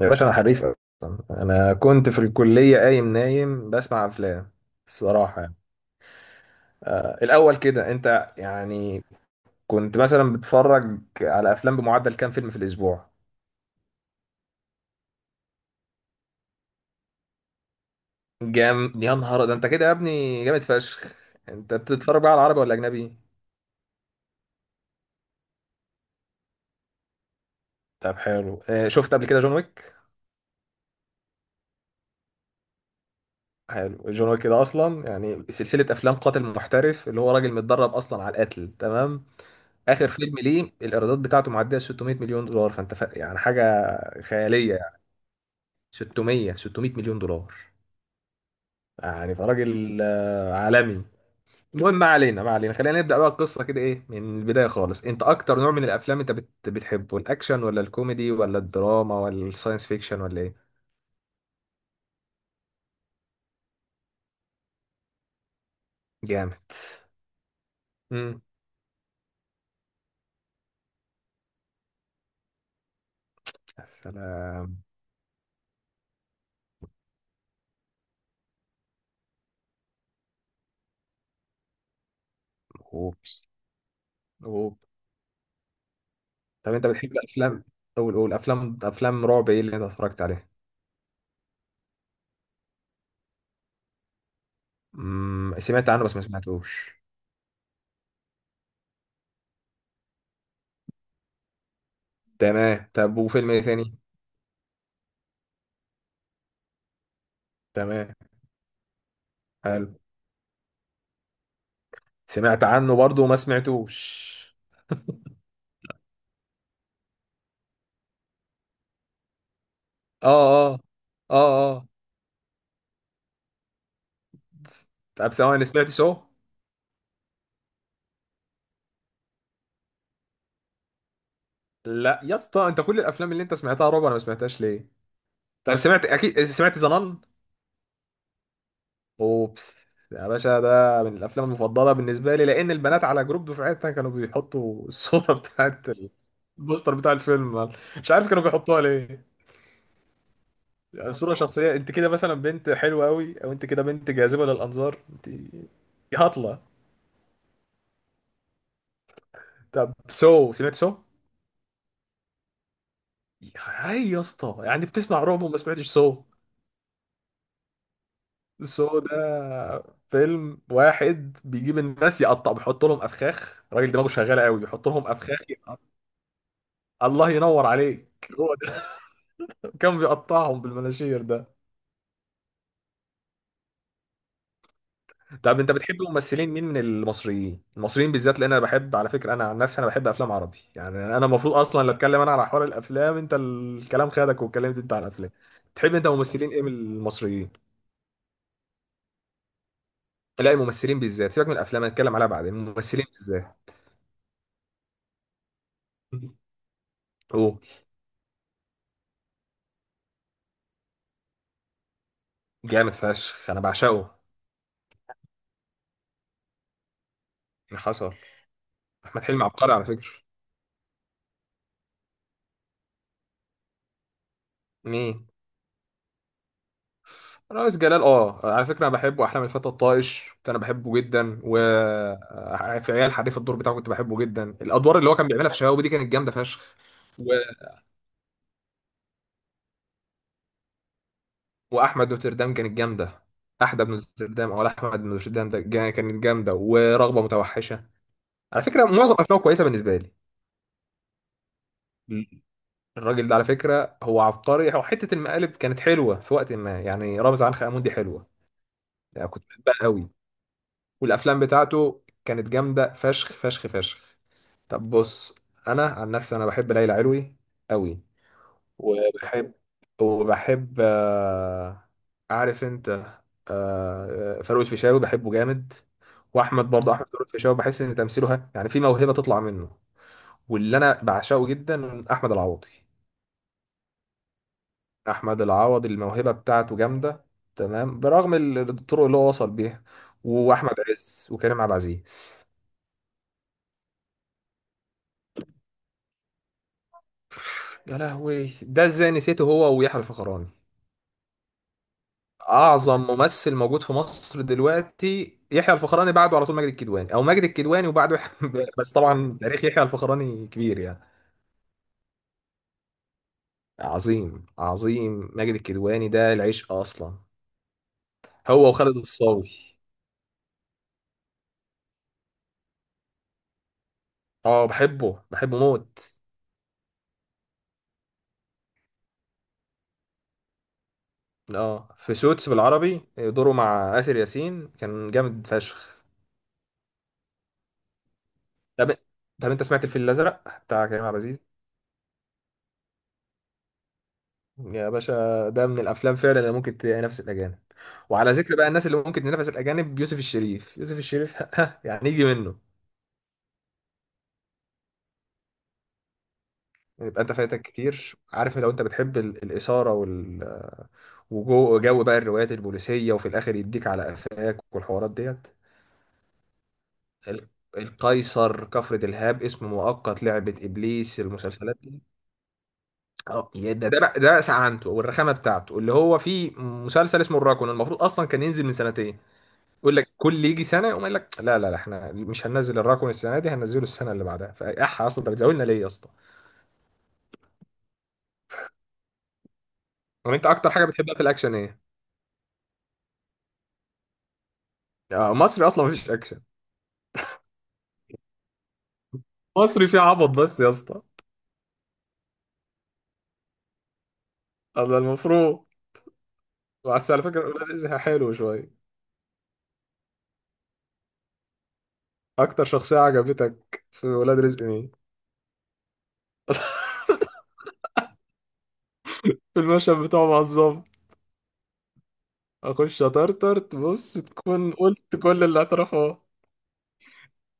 يا باشا انا حريف اصلا، انا كنت في الكليه قايم نايم بسمع افلام. الصراحه يعني. الاول كده انت يعني كنت مثلا بتتفرج على افلام بمعدل كام فيلم في الاسبوع؟ جام يا نهار ده، انت كده يا ابني جامد فشخ. انت بتتفرج بقى على عربي ولا اجنبي؟ طب حلو. شفت قبل كده جون ويك؟ حلو، جون ويك ده اصلا يعني سلسله افلام قاتل محترف، اللي هو راجل متدرب اصلا على القتل، تمام. اخر فيلم ليه الايرادات بتاعته معديه 600 مليون دولار، فانت يعني حاجه خياليه يعني. 600 مليون دولار. يعني فراجل، عالمي. المهم ما علينا ما علينا، خلينا نبدا بقى القصه كده، ايه من البدايه خالص. انت اكتر نوع من الافلام انت بتحبه الاكشن ولا الكوميدي ولا الدراما ولا الساينس فيكشن ولا ايه؟ جامد. امم يا سلام. اوبس. اوبس. طب انت بتحب الافلام، قول قول، افلام رعب ايه اللي انت اتفرجت عليها؟ امم، سمعت عنه بس ما سمعتوش. تمام، طب وفيلم ايه تاني؟ تمام. حلو، سمعت عنه برضو وما سمعتوش. اه اه. اه اه. طب ثواني، انا سمعت سو؟ لا يا اسطى، انت كل الافلام اللي انت سمعتها رعب انا ما سمعتهاش ليه؟ طب سمعت، اكيد سمعت زنان. اوبس. يا باشا ده من الافلام المفضله بالنسبه لي، لان البنات على جروب دفعتنا كانوا بيحطوا الصوره بتاعت البوستر بتاع الفيلم. مش عارف كانوا بيحطوها ليه. يعني صوره شخصيه؟ انت كده مثلا بنت حلوه قوي، او انت كده بنت جاذبه للانظار انت؟ يا هطله. طب سو، سمعت سو؟ هاي يا اسطى، يعني بتسمع رعب وما سمعتش سو؟ سو ده فيلم واحد بيجيب الناس يقطع، بيحط لهم افخاخ، راجل دماغه شغاله قوي بيحط لهم افخاخ. الله ينور عليك، هو ده. كان بيقطعهم بالمناشير ده. طب انت بتحب ممثلين، مين من المصريين، المصريين بالذات؟ لان انا بحب، على فكره انا عن نفسي انا بحب افلام عربي، يعني انا المفروض اصلا اللي اتكلم انا على حوار الافلام، انت الكلام خدك واتكلمت انت عن الافلام. تحب انت ممثلين ايه من المصريين؟ لا الممثلين بالذات، سيبك من الافلام هنتكلم عليها بعدين، الممثلين بالذات. اوه. جامد فشخ انا بعشقه، إيه اللي حصل؟ احمد حلمي عبقري على فكره. مين؟ رئيس جلال؟ اه على فكره انا بحبه، احلام الفتى الطائش كنت انا بحبه جدا. و في عيال حريف، الدور بتاعه كنت بحبه جدا، الادوار اللي هو كان بيعملها في شباب دي كانت جامده فشخ. و... واحمد نوتردام كانت جامده، احدى ابن نوتردام او احمد بن نوتردام ده كانت جامده، ورغبه متوحشه. على فكره معظم افلامه كويسه بالنسبه لي. الراجل ده على فكره هو عبقري، هو حته المقالب كانت حلوه في وقت ما، يعني رامز عنخ امون دي حلوه، يعني كنت بحبها قوي. والافلام بتاعته كانت جامده فشخ فشخ فشخ. طب بص، انا عن نفسي انا بحب ليلى علوي قوي. وبحب وبحب عارف انت، فاروق الفيشاوي بحبه جامد. واحمد برضه، احمد فاروق الفيشاوي بحس ان تمثيله يعني في موهبه تطلع منه. واللي انا بعشقه جدا احمد العوضي. احمد العوضي الموهبه بتاعته جامده، تمام، برغم الطرق اللي هو وصل بيها. واحمد عز وكريم عبد العزيز. يا لهوي، ده ازاي نسيته، هو ويحيى الفخراني، اعظم ممثل موجود في مصر دلوقتي، يحيى الفخراني بعده على طول، ماجد الكدواني، او ماجد الكدواني وبعده يحيى- بس طبعا تاريخ يحيى الفخراني كبير يعني. عظيم عظيم، ماجد الكدواني ده العشق اصلا، هو وخالد الصاوي. اه بحبه بحبه موت. اه في سوتس بالعربي دوره مع آسر ياسين كان جامد فشخ. طب طب انت سمعت الفيل الازرق بتاع كريم عبد العزيز؟ يا باشا، ده من الافلام فعلا اللي ممكن تنافس الاجانب. وعلى ذكر بقى الناس اللي ممكن تنافس الاجانب، يوسف الشريف، يوسف الشريف، ها، يعني يجي منه. يبقى انت فايتك كتير، عارف، لو انت بتحب الاثاره وال، وجو بقى الروايات البوليسيه وفي الاخر يديك على قفاك والحوارات ديت. ال- القيصر، كفر دلهاب، اسم مؤقت، لعبه ابليس، المسلسلات دي. اه يا ده بقى سعنته والرخامه بتاعته، اللي هو في مسلسل اسمه الراكون المفروض اصلا كان ينزل من سنتين. يقول لك كل يجي سنه يقوم قايل لك لا لا لا، احنا مش هننزل الرقم السنه دي، هننزله السنه اللي بعدها، فاح، اصلا انت بتزودنا ليه يا اسطى؟ طب انت اكتر حاجه بتحبها في الاكشن ايه؟ مصري اصلا مفيش اكشن. مصري فيه عبط بس يا اسطى. هذا المفروض. بس على فكره ولاد رزق حلو شويه. اكتر شخصيه عجبتك في ولاد رزق مين؟ في المشهد بتاعه مع الظابط. اخش اطرطر، بص تكون قلت كل اللي اعترفه.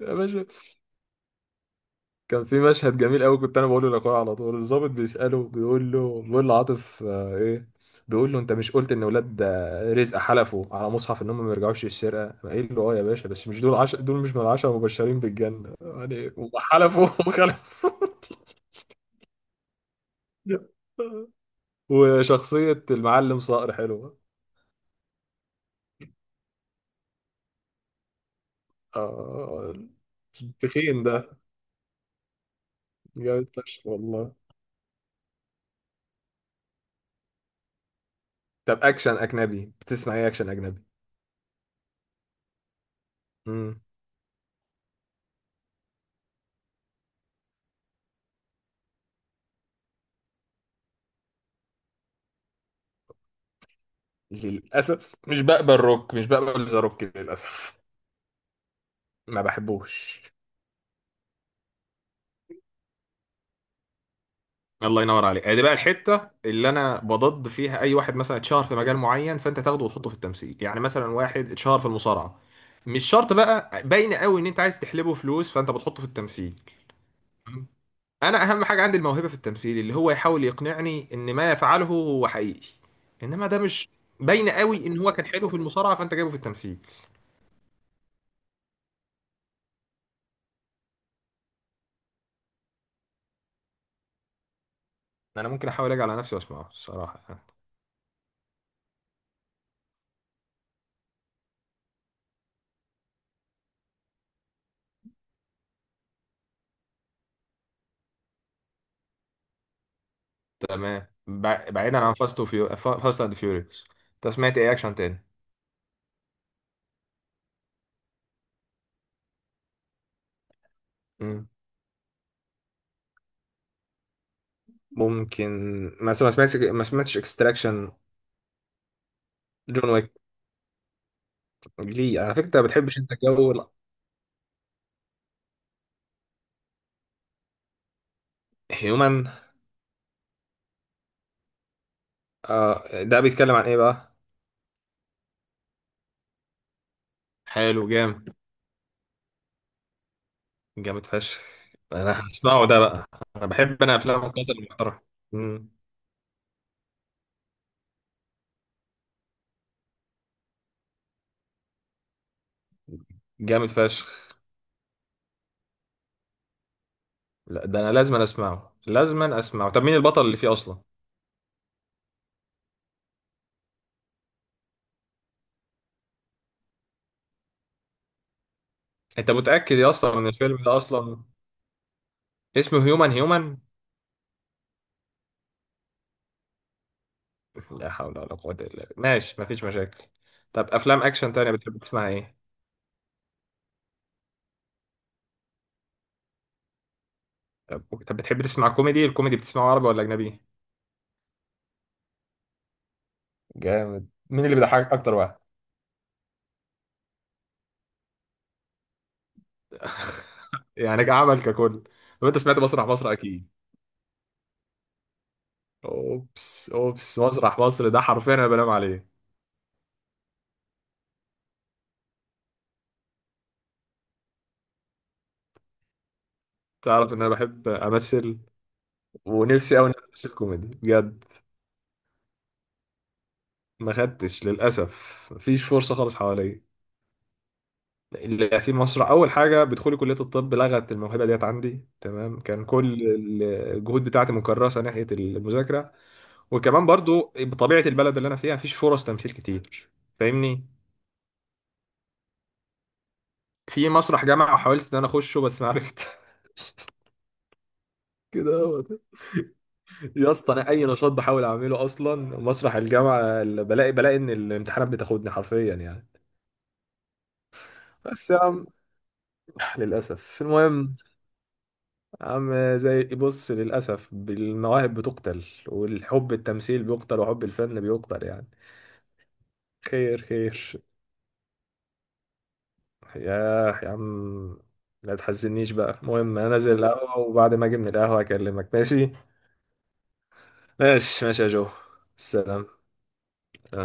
يا باشا، كان في مشهد جميل قوي، كنت انا بقوله لاخويا على طول. الضابط بيساله، بيقول له، بيقول لعاطف ايه، بيقول له انت مش قلت ان ولاد رزق حلفوا على مصحف ان هم ما يرجعوش للسرقه؟ قايل له اه يا باشا، بس مش دول دول مش من العشره المبشرين بالجنه يعني، هم حلفوا وخلفوا. وشخصيه المعلم صقر حلوه، اه، التخين ده جامد فشخ والله. طب اكشن اجنبي بتسمع ايه اكشن اجنبي؟ للأسف مش بقبل روك، مش بقبل ذا روك للأسف. ما بحبوش. الله ينور عليك، دي بقى الحته اللي انا بضد فيها، اي واحد مثلا اتشهر في مجال معين، فانت تاخده وتحطه في التمثيل، يعني مثلا واحد اتشهر في المصارعه، مش شرط بقى، باين قوي ان انت عايز تحلبه فلوس فانت بتحطه في التمثيل. انا اهم حاجه عندي الموهبه في التمثيل، اللي هو يحاول يقنعني ان ما يفعله هو حقيقي، انما ده مش، باين قوي ان هو كان حلو في المصارعه فانت جايبه في التمثيل. انا ممكن احاول اجي على نفسي واسمعه الصراحه. تمام. بعيدا عن فاست اند فيوريوس، انت سمعت ايه اكشن تاني؟ مم. ممكن. مثلا ما سمعتش اكستراكشن؟ جون ويك؟ ليه على فكره انت ما بتحبش انت جو. هيومن؟ آه ده بيتكلم عن ايه بقى؟ حلو جامد. جامد فشخ. انا هسمعه ده بقى، انا بحب انا افلام القتل المحترم. مم. جامد فشخ. لا ده انا لازم أنا اسمعه، لازم أنا اسمعه. طب مين البطل اللي فيه اصلا؟ انت متاكد يا اسطى ان الفيلم ده اصلا اسمه هيومن هيومن؟ لا حول ولا قوة إلا بالله، ماشي، مفيش مشاكل. طب أفلام أكشن تانية بتحب تسمع إيه؟ طب بتحب تسمع كوميدي؟ الكوميدي بتسمعه عربي ولا أجنبي؟ جامد. مين اللي بيضحكك اكتر واحد؟ يعني كعمل ككل، لو أنت سمعت مسرح مصر أكيد. أوبس أوبس، مسرح مصر ده حرفيا أنا بنام عليه. تعرف إن أنا بحب أمثل؟ ونفسي أوي إن أنا أمثل كوميدي بجد. ما خدتش للأسف، مفيش فرصة خالص حواليا. اللي في مصر اول حاجه بدخولي كليه الطب لغت الموهبه ديت عندي، تمام، كان كل الجهود بتاعتي مكرسه ناحيه المذاكره. وكمان برضو بطبيعه البلد اللي انا فيها مفيش فرص تمثيل كتير، فاهمني. في مسرح جامعه، حاولت ان انا اخشه بس ما عرفت. كده هو ده. يا اسطى انا اي نشاط بحاول اعمله اصلا مسرح الجامعه اللي بلاقي، بلاقي ان الامتحانات بتاخدني حرفيا يعني. بس يا عم، للاسف، المهم، عم زي بص، للأسف المواهب بتقتل، والحب التمثيل بيقتل، وحب الفن بيقتل يعني. خير خير. ياه يا عم، لا تحزنيش بقى. المهم، أنا أنزل القهوة وبعد ما أجي من القهوة أكلمك، ماشي؟ ماشي ماشي يا جو. سلام.